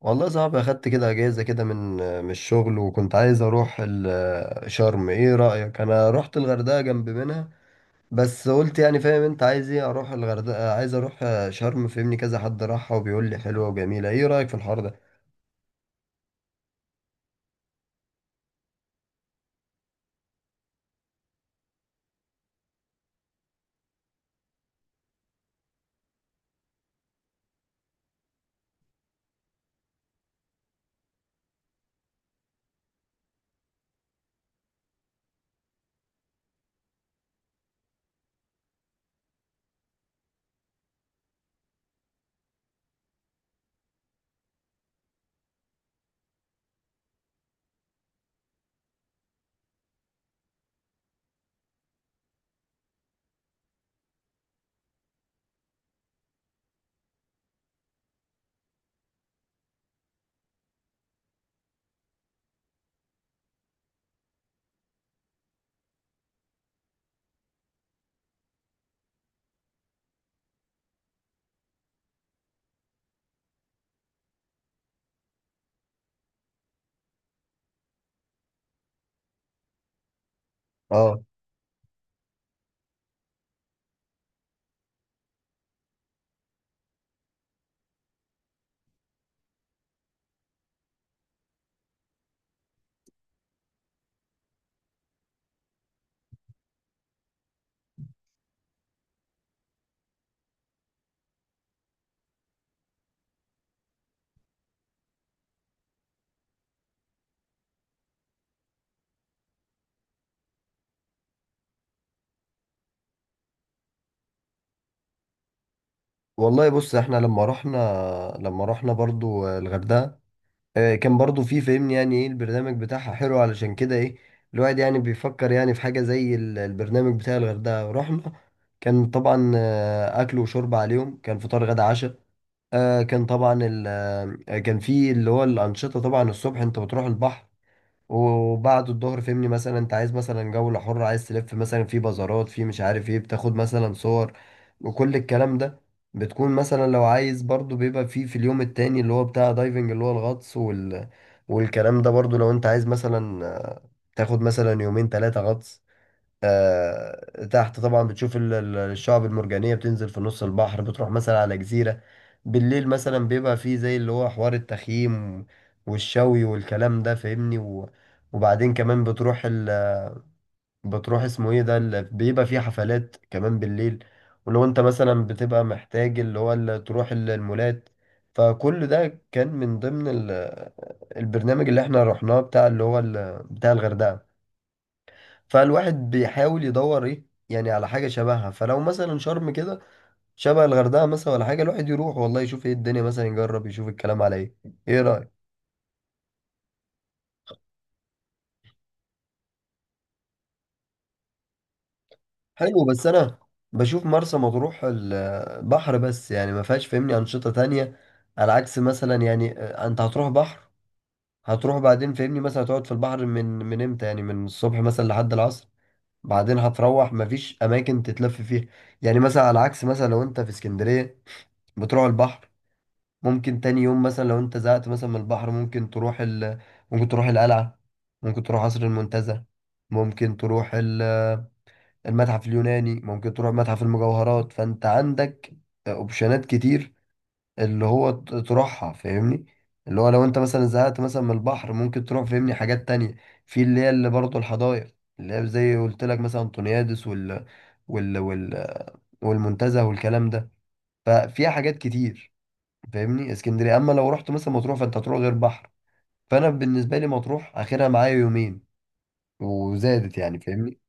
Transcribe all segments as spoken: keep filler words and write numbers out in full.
والله صعب، اخدت كده اجازه كده من من الشغل، وكنت عايز اروح ال- شرم. ايه رايك؟ انا رحت الغردقه جنب منها، بس قلت يعني فاهم انت عايز ايه؟ اروح الغردقه عايز اروح شرم. فهمني، كذا حد راحها وبيقول لي حلوه وجميله. ايه رايك في الحوار ده؟ اه. والله بص، احنا لما رحنا لما رحنا برضو الغردقه، آه، كان برضو في، فهمني، يعني ايه البرنامج بتاعها حلو. علشان كده ايه الواحد يعني بيفكر يعني في حاجة زي ال- البرنامج بتاع الغردقة. رحنا كان طبعا آه، اكل وشرب عليهم، كان فطار غدا عشاء. آه، كان طبعا ال- آه، كان في اللي هو الأنشطة. طبعا الصبح انت بتروح البحر، وبعد الظهر فهمني مثلا انت عايز مثلا جولة حرة، عايز تلف مثلا في بازارات، في مش عارف ايه، بتاخد مثلا صور، وكل الكلام ده. بتكون مثلا لو عايز برضو، بيبقى في في اليوم التاني اللي هو بتاع دايفنج، اللي هو الغطس وال... والكلام ده. برضو لو انت عايز مثلا آه، تاخد مثلا يومين ثلاثة غطس، آه، تحت طبعا بتشوف ال- ال- الشعب المرجانية، بتنزل في نص البحر، بتروح مثلا على جزيرة. بالليل مثلا بيبقى فيه زي اللي هو حوار التخييم والشوي والكلام ده، فاهمني، و- وبعدين كمان بتروح ال... بتروح اسمه ايه ده ال- بيبقى فيه حفلات كمان بالليل. ولو انت مثلا بتبقى محتاج اللي هو ال- تروح ال- المولات. فكل ده كان من ضمن ال... البرنامج اللي احنا رحناه، بتاع اللي هو ال... بتاع الغردقة. فالواحد بيحاول يدور ايه يعني، على حاجة شبهها. فلو مثلا شرم كده شبه الغردقة مثلا، ولا حاجة، الواحد يروح والله يشوف ايه الدنيا، مثلا يجرب، يشوف الكلام على ايه. ايه رأيك؟ حلو، بس انا بشوف مرسى مطروح البحر بس، يعني ما فيهاش فهمني أنشطة تانية. على عكس مثلا يعني، آه، انت هتروح بحر، هتروح بعدين فهمني مثلا هتقعد في البحر، من من امتى يعني، من الصبح مثلا لحد العصر. بعدين هتروح، مفيش اماكن تتلف فيها. يعني مثلا على عكس مثلا لو انت في اسكندرية، بتروح البحر، ممكن تاني يوم مثلا لو انت زهقت مثلا من البحر، ممكن تروح ال... ممكن تروح القلعة، ممكن تروح قصر المنتزه، ممكن تروح ال- المتحف اليوناني، ممكن تروح متحف المجوهرات. فانت عندك اوبشنات كتير، اللي هو ت- تروحها فاهمني. اللي هو لو انت مثلا زهقت مثلا من البحر، ممكن تروح فاهمني حاجات تانية، في اللي هي اللي برضه الحدائق، اللي هي زي قلت لك مثلا انطونيادس وال... وال... وال... والمنتزه والكلام ده. ففيها حاجات كتير، فاهمني، اسكندريه. اما لو رحت مثلا مطروح، فانت هتروح غير بحر. فانا بالنسبه لي مطروح اخرها معايا يومين، وزادت يعني، فاهمني.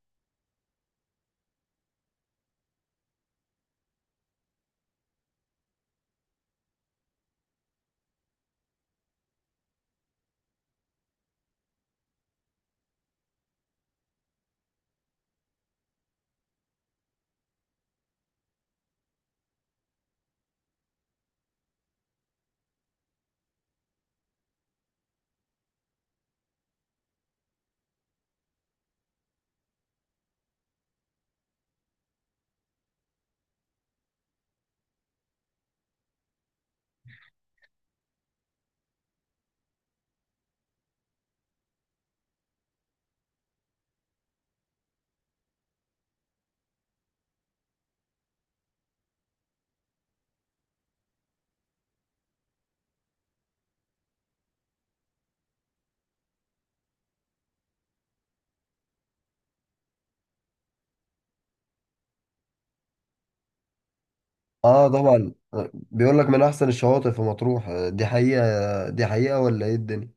اه طبعا. بيقول لك من احسن الشواطئ في مطروح، آه، دي حقيقه؟ دي حقيقه ولا ايه الدنيا؟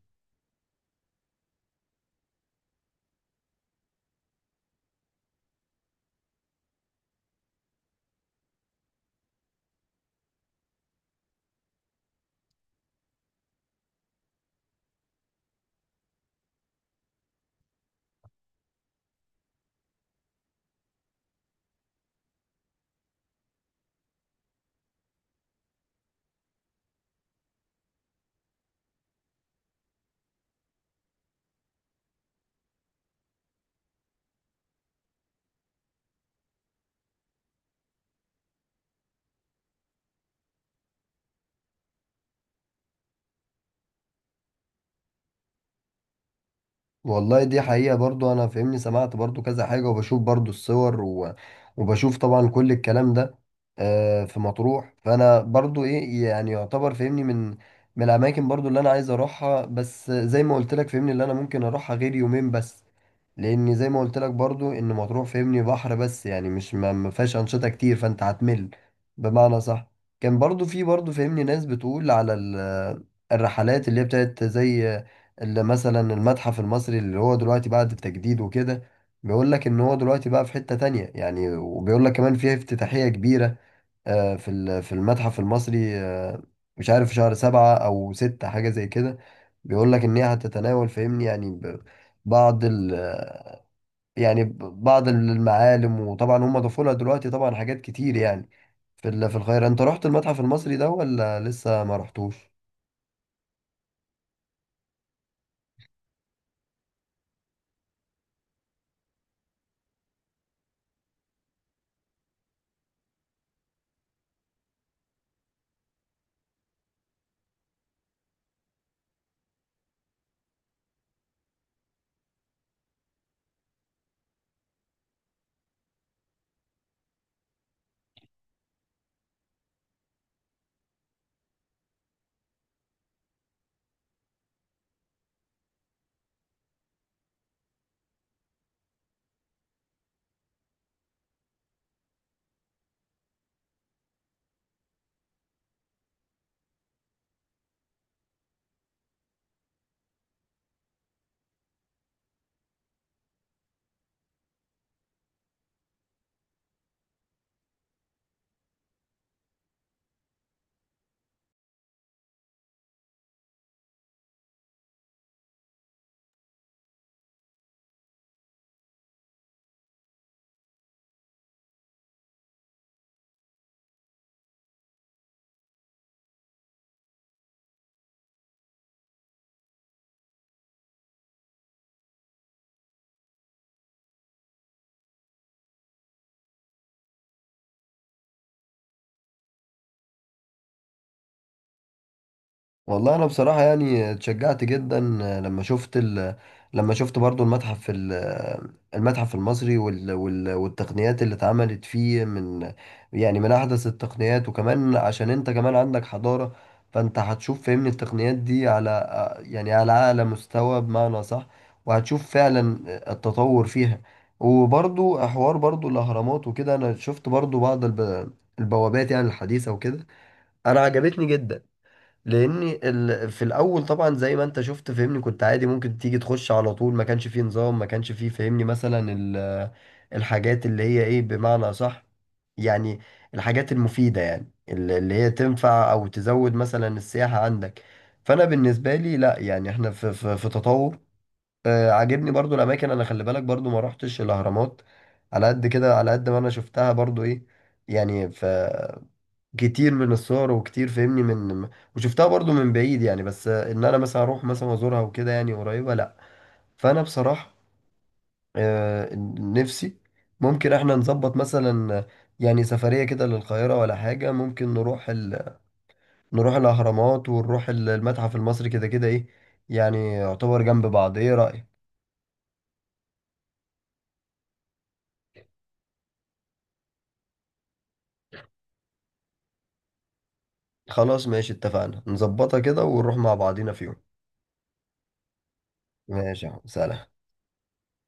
والله دي حقيقة، برضو أنا فاهمني سمعت برضو كذا حاجة، وبشوف برضو الصور و... وبشوف طبعا كل الكلام ده، آه، في مطروح. فأنا برضو إيه، يعني يعتبر فاهمني من من الأماكن برضو اللي أنا عايز أروحها، بس زي ما قلت لك فاهمني، اللي أنا ممكن أروحها غير يومين بس، لأن زي ما قلت لك برضو، إن مطروح فاهمني بحر بس، يعني مش ما ما فيهاش أنشطة كتير، فأنت هتمل، بمعنى صح. كان برضو في برضو فاهمني ناس بتقول على ال- الرحلات اللي هي بتاعت زي اللي مثلا المتحف المصري، اللي هو دلوقتي بعد التجديد وكده. بيقول لك ان هو دلوقتي بقى في حتة تانية يعني، وبيقول لك كمان فيها افتتاحية كبيرة، آه، في ال- في المتحف المصري. آه، مش عارف في شهر سبعة او ستة، حاجة زي كده. بيقول لك ان هي هتتناول فاهمني، يعني ب- بعض ال آه، يعني ب- بعض المعالم. وطبعا هم ضافوا لها دلوقتي طبعا حاجات كتير، يعني في ال- في الخير. انت رحت المتحف المصري ده ولا لسه ما رحتوش؟ والله انا بصراحه يعني اتشجعت جدا لما شفت ال... لما شفت برضو المتحف ال... المتحف المصري وال... وال... والتقنيات اللي اتعملت فيه، من يعني من احدث التقنيات. وكمان عشان انت كمان عندك حضاره، فانت هتشوف فهمني التقنيات دي على، يعني على اعلى مستوى، بمعنى صح. وهتشوف فعلا التطور فيها. وبرضو حوار برضو الاهرامات وكده، انا شفت برضو بعض الب... البوابات يعني الحديثه وكده، انا عجبتني جدا. لاني ال... في الاول طبعا زي ما انت شفت فهمني كنت عادي ممكن تيجي تخش على طول، ما كانش فيه نظام، ما كانش فيه فهمني مثلا ال... الحاجات اللي هي ايه، بمعنى صح، يعني الحاجات المفيدة، يعني ال- اللي هي تنفع او تزود مثلا السياحة عندك. فانا بالنسبة لي لا، يعني احنا في في, في تطور. آه عاجبني برضو الاماكن. انا خلي بالك برضو ما روحتش الاهرامات، على قد كده، على قد ما انا شفتها برضو ايه، يعني في كتير من الصور، وكتير فاهمني من، وشفتها برضو من بعيد يعني، بس ان انا مثلا اروح مثلا ازورها وكده يعني قريبة، لا. فانا بصراحة آه، نفسي ممكن احنا نظبط مثلا يعني سفرية كده للقاهرة ولا حاجة. ممكن نروح ال... نروح الاهرامات، ونروح ال- المتحف المصري، كده كده ايه يعني يعتبر جنب بعض. ايه رأيك؟ خلاص ماشي، اتفقنا، نظبطها كده ونروح مع بعضينا في يوم. ماشي يا عم، سلام.